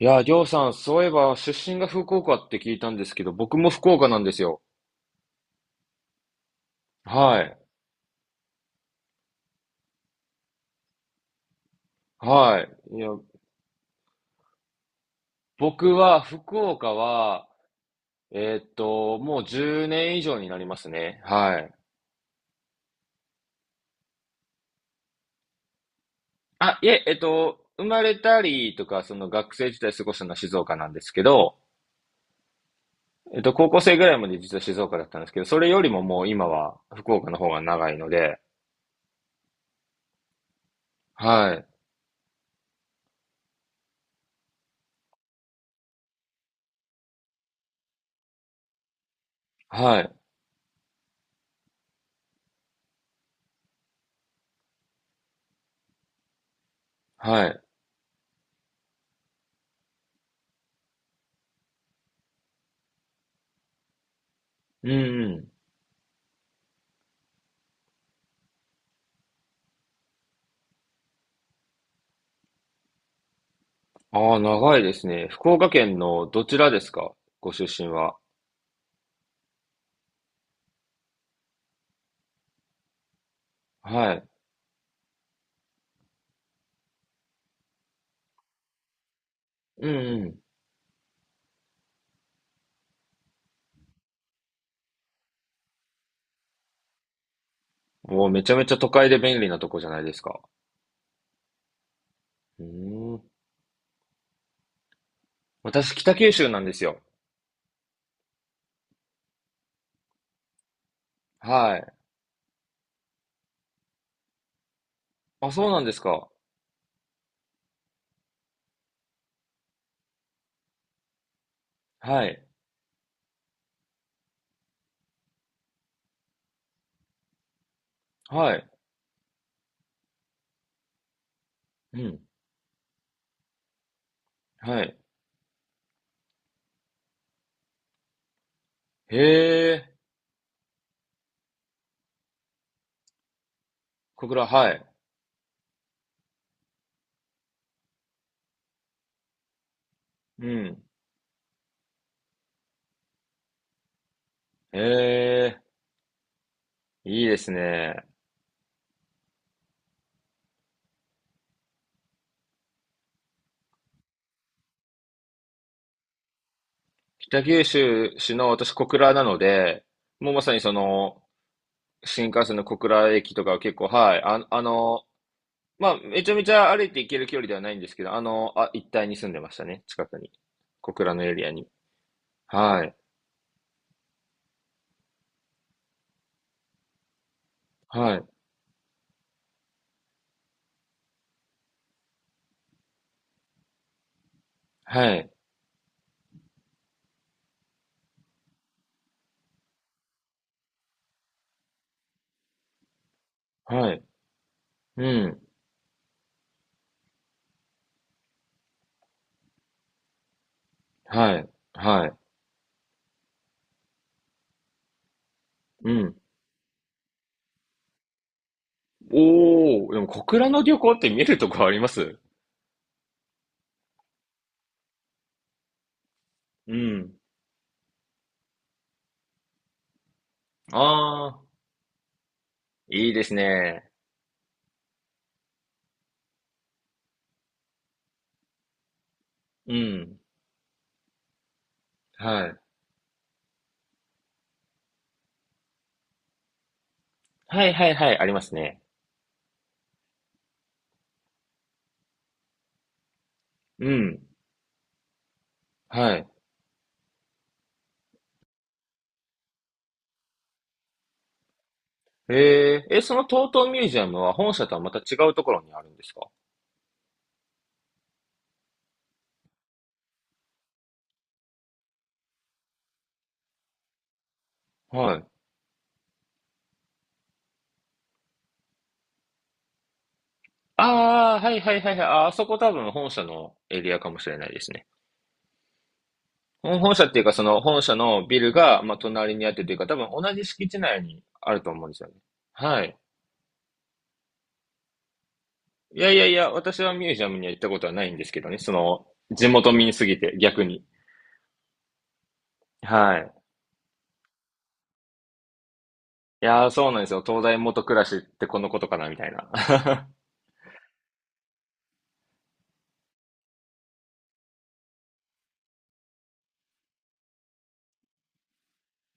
いやー、りょうさん、そういえば、出身が福岡って聞いたんですけど、僕も福岡なんですよ。はい。はい。いや、僕は、福岡は、もう10年以上になりますね。はい。あ、いえ、生まれたりとか、その学生時代過ごしたのは静岡なんですけど、高校生ぐらいまで実は静岡だったんですけど、それよりももう今は福岡の方が長いので、はい。はい。はい。うんうん。ああ、長いですね。福岡県のどちらですか？ご出身は。はい。うんうん。もうめちゃめちゃ都会で便利なとこじゃないですか。うーん。私、北九州なんですよ。はい。あ、そうなんですか。はい。はい。うん。はい。へえ。小倉、はい。うん。へえ。いいですね。北九州市の私、小倉なので、もうまさにその、新幹線の小倉駅とかは結構、はい。あ、まあ、めちゃめちゃ歩いて行ける距離ではないんですけど、あ、一帯に住んでましたね。近くに。小倉のエリアに。はい。はい。はい。はい。うん。はい。はい。うん。おー、でも小倉の漁港って見るとこあります？うん。ああ、いいですね。うん。はい。はいはいはい、ありますね。うん。はい。その TOTO ミュージアムは本社とはまた違うところにあるんですか？はい。ああ、はいはいはいはい。あ、あそこ多分本社のエリアかもしれないですね。本社っていうか、その本社のビルが、まあ、隣にあってというか、多分同じ敷地内にあると思うんですよね。はい。いやいやいや、私はミュージアムには行ったことはないんですけどね。地元民すぎて逆に。はい。いやー、そうなんですよ。東大元暮らしってこのことかな、みたいな。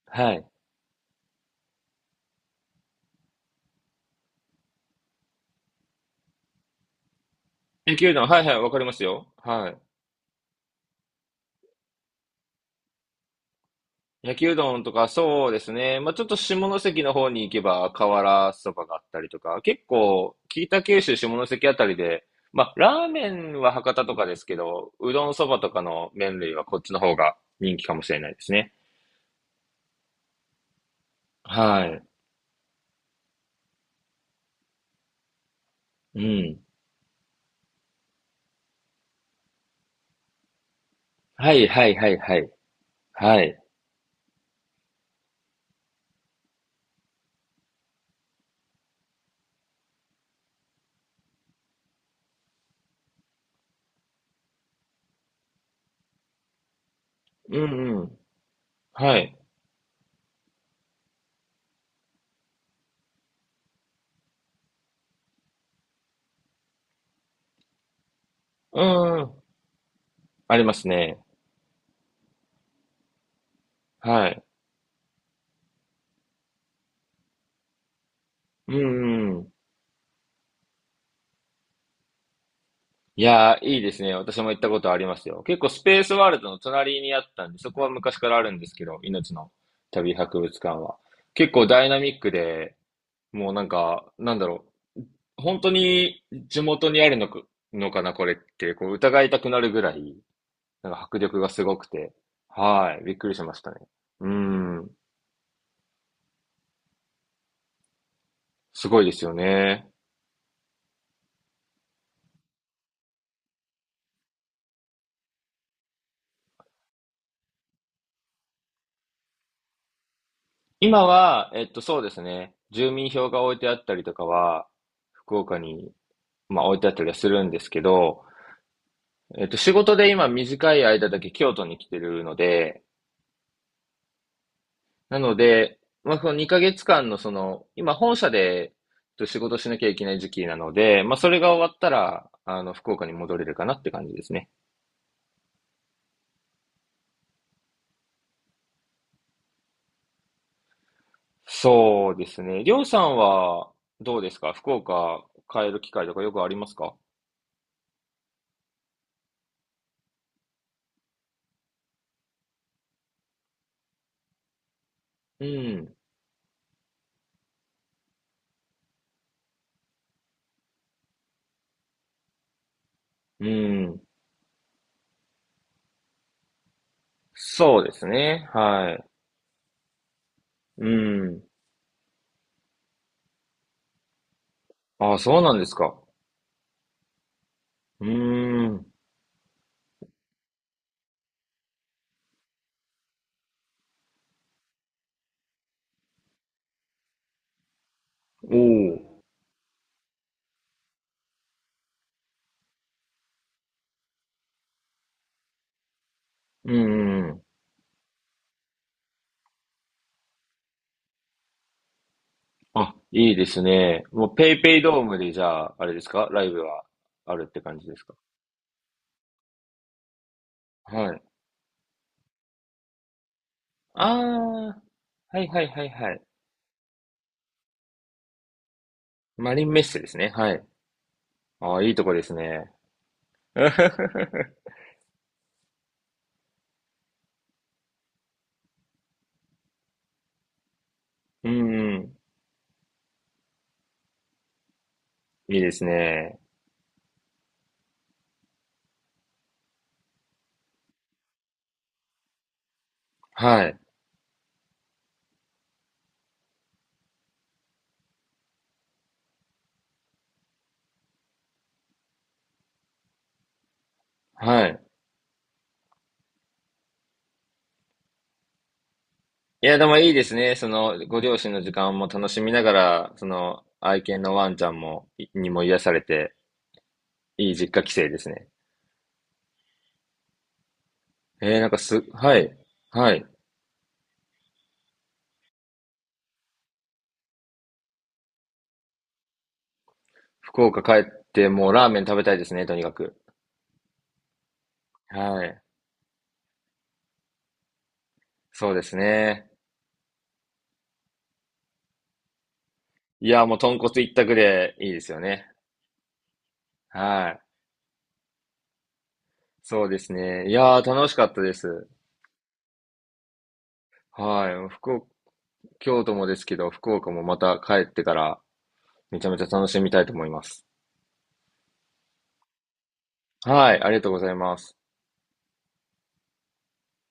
はい。琉球うどん、はいはい、わかりますよ。はい。焼きうどんとか、そうですね。まあ、ちょっと下関の方に行けば、瓦そばがあったりとか、結構、北九州下関あたりで、まあ、ラーメンは博多とかですけど、うどんそばとかの麺類はこっちの方が人気かもしれないですね。はい。うん。はいはいはいはい。はい。うんうん。はい。うんうん。ありますね。はい。うん。いやー、いいですね。私も行ったことありますよ。結構スペースワールドの隣にあったんで、そこは昔からあるんですけど、命の旅博物館は。結構ダイナミックで、もうなんか、なんだろう。本当に地元にあるのか、のかな、これって、こう疑いたくなるぐらい、なんか迫力がすごくて。はい。びっくりしましたね。うん。すごいですよね。今は、そうですね。住民票が置いてあったりとかは、福岡に、まあ、置いてあったりはするんですけど、仕事で今短い間だけ京都に来てるので、なので、まあ、その2ヶ月間のその、今本社で仕事しなきゃいけない時期なので、まあ、それが終わったら、福岡に戻れるかなって感じですね。そうですね。りょうさんはどうですか？福岡帰る機会とかよくありますか？うん。うん。そうですね。はい。うん。ああ、そうなんですか。うーん。おお。うんうんうん。あ、いいですね。もうペイペイドームでじゃあ、あれですかライブはあるって感じですか？はい。ああ、はいはいはいはい。マリンメッセですね。はい。ああ、いいとこですね。うん。いいですね。はい。はい。いや、でもいいですね。その、ご両親の時間も楽しみながら、その、愛犬のワンちゃんも、いにも癒されて、いい実家帰省ですね。えー、なんかす、はい。はい。福岡帰って、もうラーメン食べたいですね、とにかく。はい。そうですね。いや、もう豚骨一択でいいですよね。はい。そうですね。いやー、楽しかったです。はい。福岡、京都もですけど、福岡もまた帰ってからめちゃめちゃ楽しみたいと思います。はい。ありがとうございます。